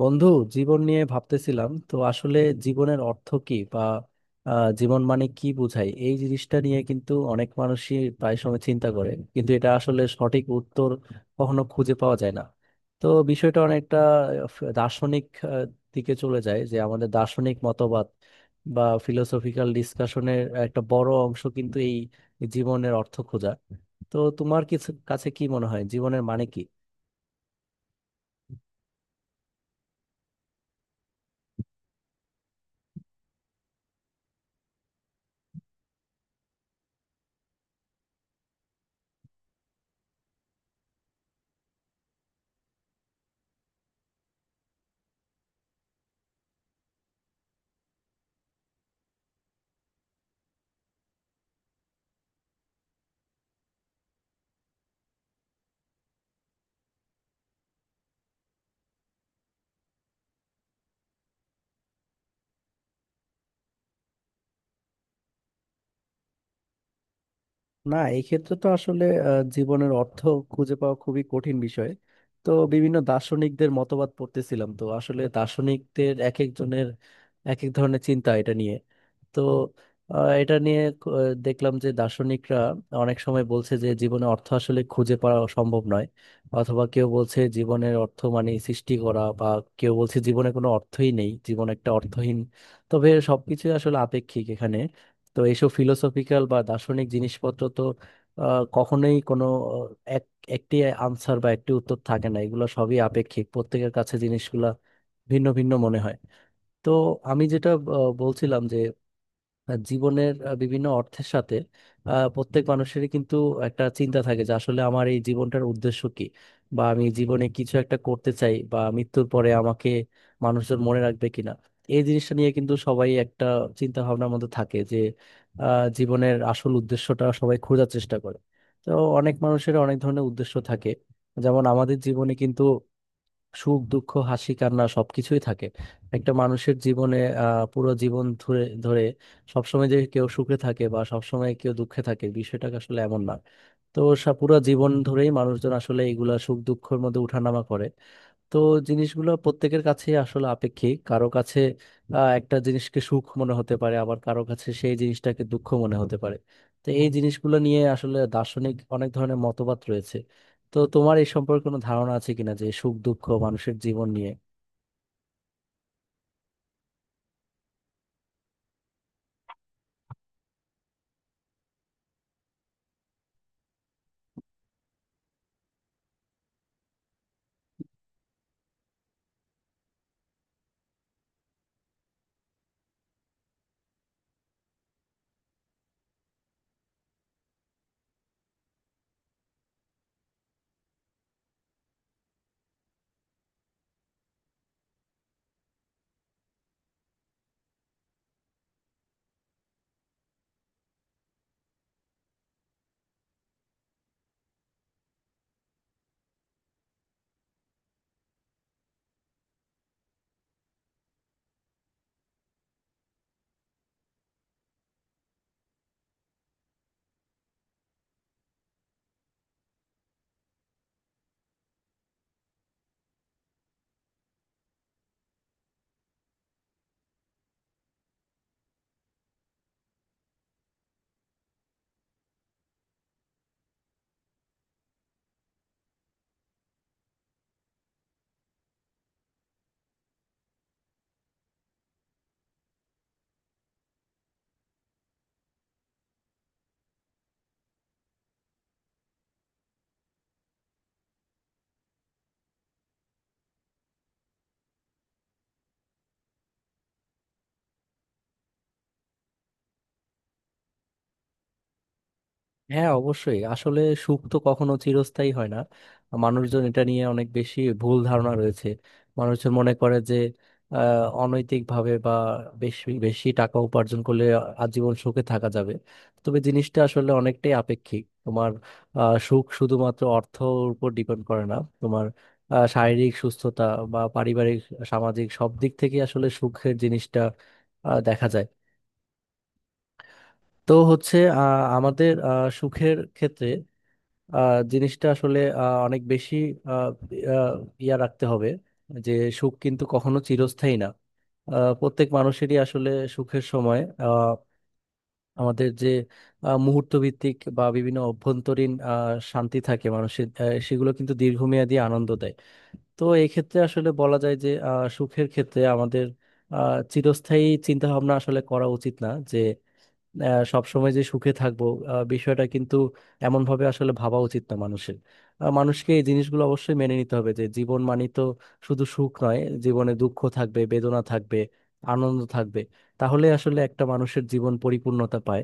বন্ধু, জীবন নিয়ে ভাবতেছিলাম তো আসলে জীবনের অর্থ কি বা জীবন মানে কি বোঝায়, এই জিনিসটা নিয়ে কিন্তু অনেক মানুষই প্রায় সময় চিন্তা করে, কিন্তু এটা আসলে সঠিক উত্তর কখনো খুঁজে পাওয়া যায় না। তো বিষয়টা অনেকটা দার্শনিক আহ, দিকে চলে যায়, যে আমাদের দার্শনিক মতবাদ বা ফিলোসফিক্যাল ডিসকাশনের একটা বড় অংশ কিন্তু এই জীবনের অর্থ খোঁজা। তো তোমার কিছু কাছে কি মনে হয় জীবনের মানে কি? না, এই ক্ষেত্রে তো আসলে জীবনের অর্থ খুঁজে পাওয়া খুবই কঠিন বিষয়। তো বিভিন্ন দার্শনিকদের মতবাদ পড়তেছিলাম তো আসলে দার্শনিকদের এক একজনের এক এক ধরনের চিন্তা এটা নিয়ে। তো এটা নিয়ে দেখলাম যে দার্শনিকরা অনেক সময় বলছে যে জীবনে অর্থ আসলে খুঁজে পাওয়া সম্ভব নয়, অথবা কেউ বলছে জীবনের অর্থ মানে সৃষ্টি করা, বা কেউ বলছে জীবনে কোনো অর্থই নেই, জীবন একটা অর্থহীন। তবে সবকিছু আসলে আপেক্ষিক এখানে। তো এইসব ফিলোসফিক্যাল বা দার্শনিক জিনিসপত্র তো কখনোই কোনো আহ, এক একটি আনসার বা একটি উত্তর থাকে না, এগুলো সবই আপেক্ষিক, প্রত্যেকের কাছে জিনিসগুলা ভিন্ন ভিন্ন মনে হয়। তো আমি যেটা বলছিলাম যে জীবনের বিভিন্ন অর্থের সাথে প্রত্যেক মানুষেরই কিন্তু একটা চিন্তা থাকে যে আসলে আমার এই জীবনটার উদ্দেশ্য কি, বা আমি জীবনে কিছু একটা করতে চাই, বা মৃত্যুর পরে আমাকে মানুষজন মনে রাখবে কিনা। এই জিনিসটা নিয়ে কিন্তু সবাই একটা চিন্তা ভাবনার মধ্যে থাকে যে জীবনের আসল উদ্দেশ্যটা সবাই খোঁজার চেষ্টা করে। তো অনেক মানুষের অনেক ধরনের উদ্দেশ্য থাকে। যেমন আমাদের জীবনে কিন্তু সুখ দুঃখ হাসি কান্না সবকিছুই থাকে একটা মানুষের জীবনে। পুরো জীবন ধরে ধরে সবসময় যে কেউ সুখে থাকে বা সবসময় কেউ দুঃখে থাকে, বিষয়টা আসলে এমন না। তো পুরো জীবন ধরেই মানুষজন আসলে এগুলা সুখ দুঃখের মধ্যে উঠানামা করে। তো জিনিসগুলো প্রত্যেকের কাছে আসলে আপেক্ষিক, কারো কাছে একটা জিনিসকে সুখ মনে হতে পারে, আবার কারো কাছে সেই জিনিসটাকে দুঃখ মনে হতে পারে। তো এই জিনিসগুলো নিয়ে আসলে দার্শনিক অনেক ধরনের মতবাদ রয়েছে। তো তোমার এই সম্পর্কে কোনো ধারণা আছে কিনা যে সুখ দুঃখ মানুষের জীবন নিয়ে? হ্যাঁ, অবশ্যই আসলে সুখ তো কখনো চিরস্থায়ী হয় না। মানুষজন এটা নিয়ে অনেক বেশি ভুল ধারণা রয়েছে। মানুষজন মনে করে যে অনৈতিক ভাবে বা বেশি বেশি টাকা উপার্জন করলে আজীবন সুখে থাকা যাবে। তবে জিনিসটা আসলে অনেকটাই আপেক্ষিক, তোমার সুখ শুধুমাত্র অর্থর উপর ডিপেন্ড করে না। তোমার শারীরিক সুস্থতা বা পারিবারিক সামাজিক সব দিক থেকে আসলে সুখের জিনিসটা দেখা যায়। তো হচ্ছে আমাদের সুখের ক্ষেত্রে জিনিসটা আসলে অনেক বেশি আহ, আহ, ইয়া রাখতে হবে যে সুখ কিন্তু কখনো চিরস্থায়ী না। প্রত্যেক মানুষেরই আসলে সুখের সময় আহ, আমাদের যে মুহূর্ত ভিত্তিক বা বিভিন্ন অভ্যন্তরীণ শান্তি থাকে মানুষের, সেগুলো কিন্তু দীর্ঘমেয়াদী আনন্দ দেয়। তো এই ক্ষেত্রে আসলে বলা যায় যে সুখের ক্ষেত্রে আমাদের চিরস্থায়ী চিন্তা ভাবনা আসলে করা উচিত না, যে সবসময় যে সুখে থাকবো বিষয়টা কিন্তু এমন ভাবে আসলে ভাবা উচিত না মানুষের। মানুষকে এই জিনিসগুলো অবশ্যই মেনে নিতে হবে যে জীবন মানে তো শুধু সুখ নয়, জীবনে দুঃখ থাকবে, বেদনা থাকবে, আনন্দ থাকবে, তাহলে আসলে একটা মানুষের জীবন পরিপূর্ণতা পায়।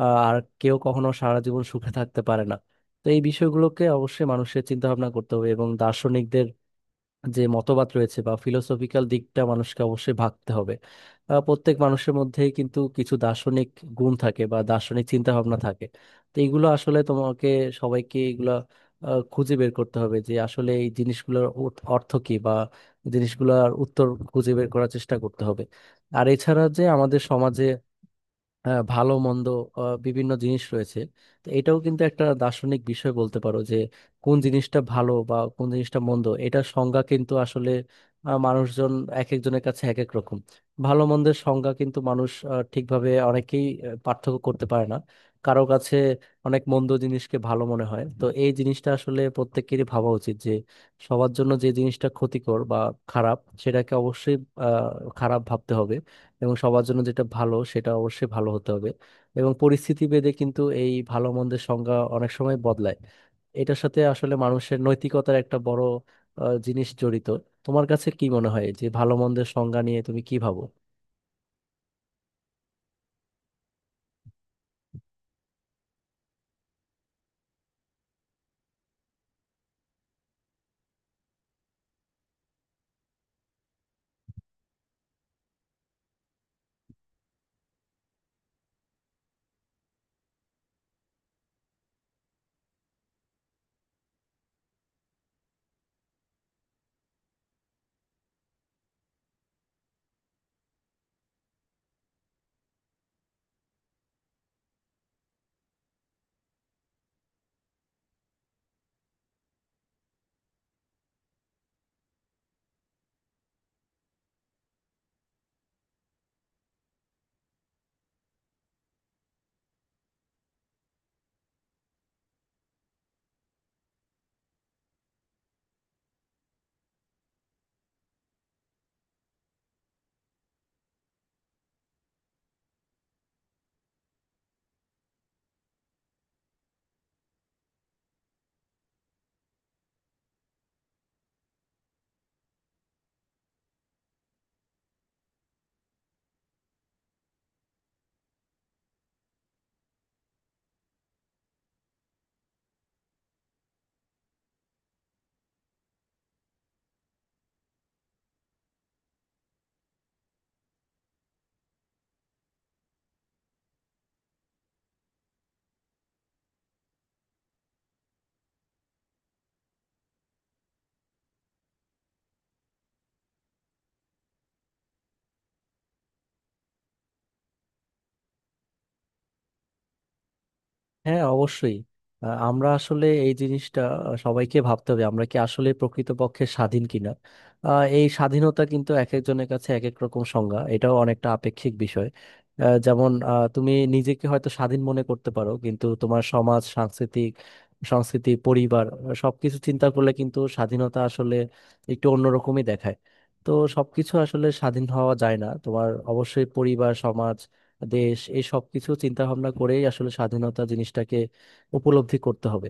আর কেউ কখনো সারা জীবন সুখে থাকতে পারে না। তো এই বিষয়গুলোকে অবশ্যই মানুষের চিন্তা ভাবনা করতে হবে, এবং দার্শনিকদের যে মতবাদ রয়েছে বা ফিলোসফিক্যাল দিকটা মানুষকে অবশ্যই ভাবতে হবে। প্রত্যেক মানুষের মধ্যে কিন্তু কিছু দার্শনিক গুণ থাকে বা দার্শনিক চিন্তা ভাবনা থাকে। তো এইগুলো আসলে তোমাকে সবাইকে এগুলা খুঁজে বের করতে হবে যে আসলে এই জিনিসগুলোর অর্থ অর্থ কী, বা জিনিসগুলোর উত্তর খুঁজে বের করার চেষ্টা করতে হবে। আর এছাড়া যে আমাদের সমাজে ভালো মন্দ বিভিন্ন জিনিস রয়েছে। তো এটাও কিন্তু একটা দার্শনিক বিষয় বলতে পারো যে কোন জিনিসটা ভালো বা কোন জিনিসটা মন্দ, এটা সংজ্ঞা কিন্তু আসলে মানুষজন এক একজনের কাছে এক এক রকম। ভালো মন্দের সংজ্ঞা কিন্তু মানুষ ঠিকভাবে অনেকেই পার্থক্য করতে পারে না। কারো কাছে অনেক মন্দ জিনিসকে ভালো মনে হয়, তো এই জিনিসটা আসলে প্রত্যেকেরই ভাবা উচিত যে সবার জন্য যে জিনিসটা ক্ষতিকর বা খারাপ, সেটাকে অবশ্যই খারাপ ভাবতে হবে, এবং সবার জন্য যেটা ভালো সেটা অবশ্যই ভালো হতে হবে। এবং পরিস্থিতি ভেদে কিন্তু এই ভালো মন্দের সংজ্ঞা অনেক সময় বদলায়। এটার সাথে আসলে মানুষের নৈতিকতার একটা বড় জিনিস জড়িত। তোমার কাছে কি মনে হয় যে ভালো মন্দের সংজ্ঞা নিয়ে তুমি কি ভাবো? হ্যাঁ, অবশ্যই আমরা আসলে এই জিনিসটা সবাইকে ভাবতে হবে আমরা কি আসলে প্রকৃতপক্ষে স্বাধীন কিনা। আহ, এই স্বাধীনতা কিন্তু এক একজনের কাছে এক এক রকম সংজ্ঞা, এটাও অনেকটা আপেক্ষিক বিষয়। যেমন তুমি নিজেকে হয়তো স্বাধীন মনে করতে পারো, কিন্তু তোমার সমাজ সাংস্কৃতিক সংস্কৃতি পরিবার সবকিছু চিন্তা করলে কিন্তু স্বাধীনতা আসলে একটু অন্যরকমই দেখায়। তো সবকিছু আসলে স্বাধীন হওয়া যায় না, তোমার অবশ্যই পরিবার সমাজ দেশ এই সবকিছু চিন্তা ভাবনা করেই আসলে স্বাধীনতা জিনিসটাকে উপলব্ধি করতে হবে।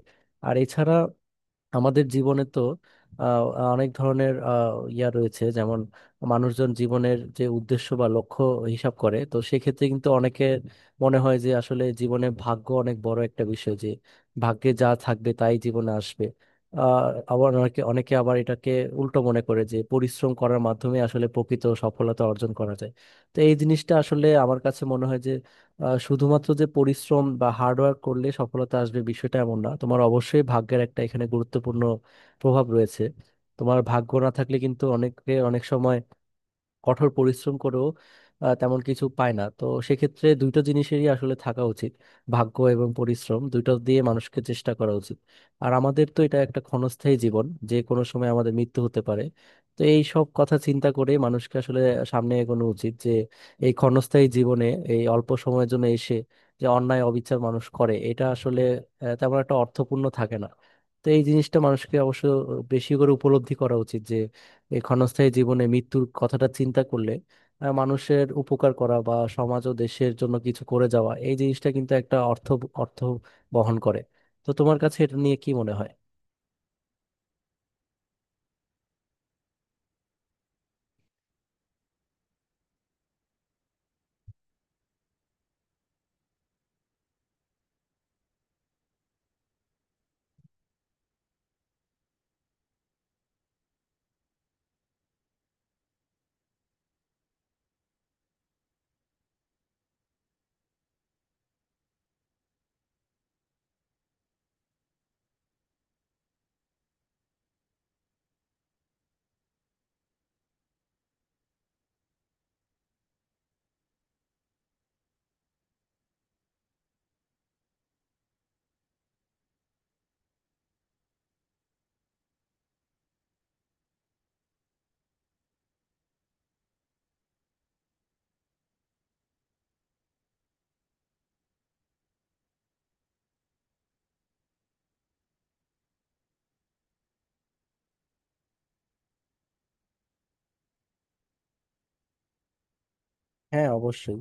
আর এছাড়া আমাদের জীবনে তো আহ, অনেক ধরনের ইয়া রয়েছে, যেমন মানুষজন জীবনের যে উদ্দেশ্য বা লক্ষ্য হিসাব করে, তো সেক্ষেত্রে কিন্তু অনেকে মনে হয় যে আসলে জীবনে ভাগ্য অনেক বড় একটা বিষয়, যে ভাগ্যে যা থাকবে তাই জীবনে আসবে। আহ আবার অনেকে অনেকে আবার এটাকে উল্টো মনে করে যে পরিশ্রম করার মাধ্যমে আসলে প্রকৃত সফলতা অর্জন করা যায়। তো এই জিনিসটা আসলে আমার কাছে মনে হয় যে শুধুমাত্র যে পরিশ্রম বা হার্ডওয়ার্ক করলে সফলতা আসবে, বিষয়টা এমন না, তোমার অবশ্যই ভাগ্যের একটা এখানে গুরুত্বপূর্ণ প্রভাব রয়েছে। তোমার ভাগ্য না থাকলে কিন্তু অনেকে অনেক সময় কঠোর পরিশ্রম করেও তেমন কিছু পায় না, তো সেক্ষেত্রে দুটো জিনিসেরই আসলে থাকা উচিত, ভাগ্য এবং পরিশ্রম দুটো দিয়ে মানুষকে চেষ্টা করা উচিত। আর আমাদের তো এটা একটা ক্ষণস্থায়ী জীবন, যে কোনো সময় আমাদের মৃত্যু হতে পারে। তো এই সব কথা চিন্তা করে মানুষকে আসলে সামনে এগোনো উচিত, যে এই ক্ষণস্থায়ী জীবনে এই অল্প সময়ের জন্য এসে যে অন্যায় অবিচার মানুষ করে, এটা আসলে তেমন একটা অর্থপূর্ণ থাকে না। তো এই জিনিসটা মানুষকে অবশ্য বেশি করে উপলব্ধি করা উচিত। এই ক্ষণস্থায়ী জীবনে মৃত্যুর কথাটা চিন্তা করলে মানুষের উপকার করা বা সমাজ ও দেশের জন্য কিছু করে যাওয়া, এই জিনিসটা কিন্তু একটা অর্থ অর্থ বহন করে। তো তোমার কাছে এটা নিয়ে কি মনে হয়? হ্যাঁ, অবশ্যই।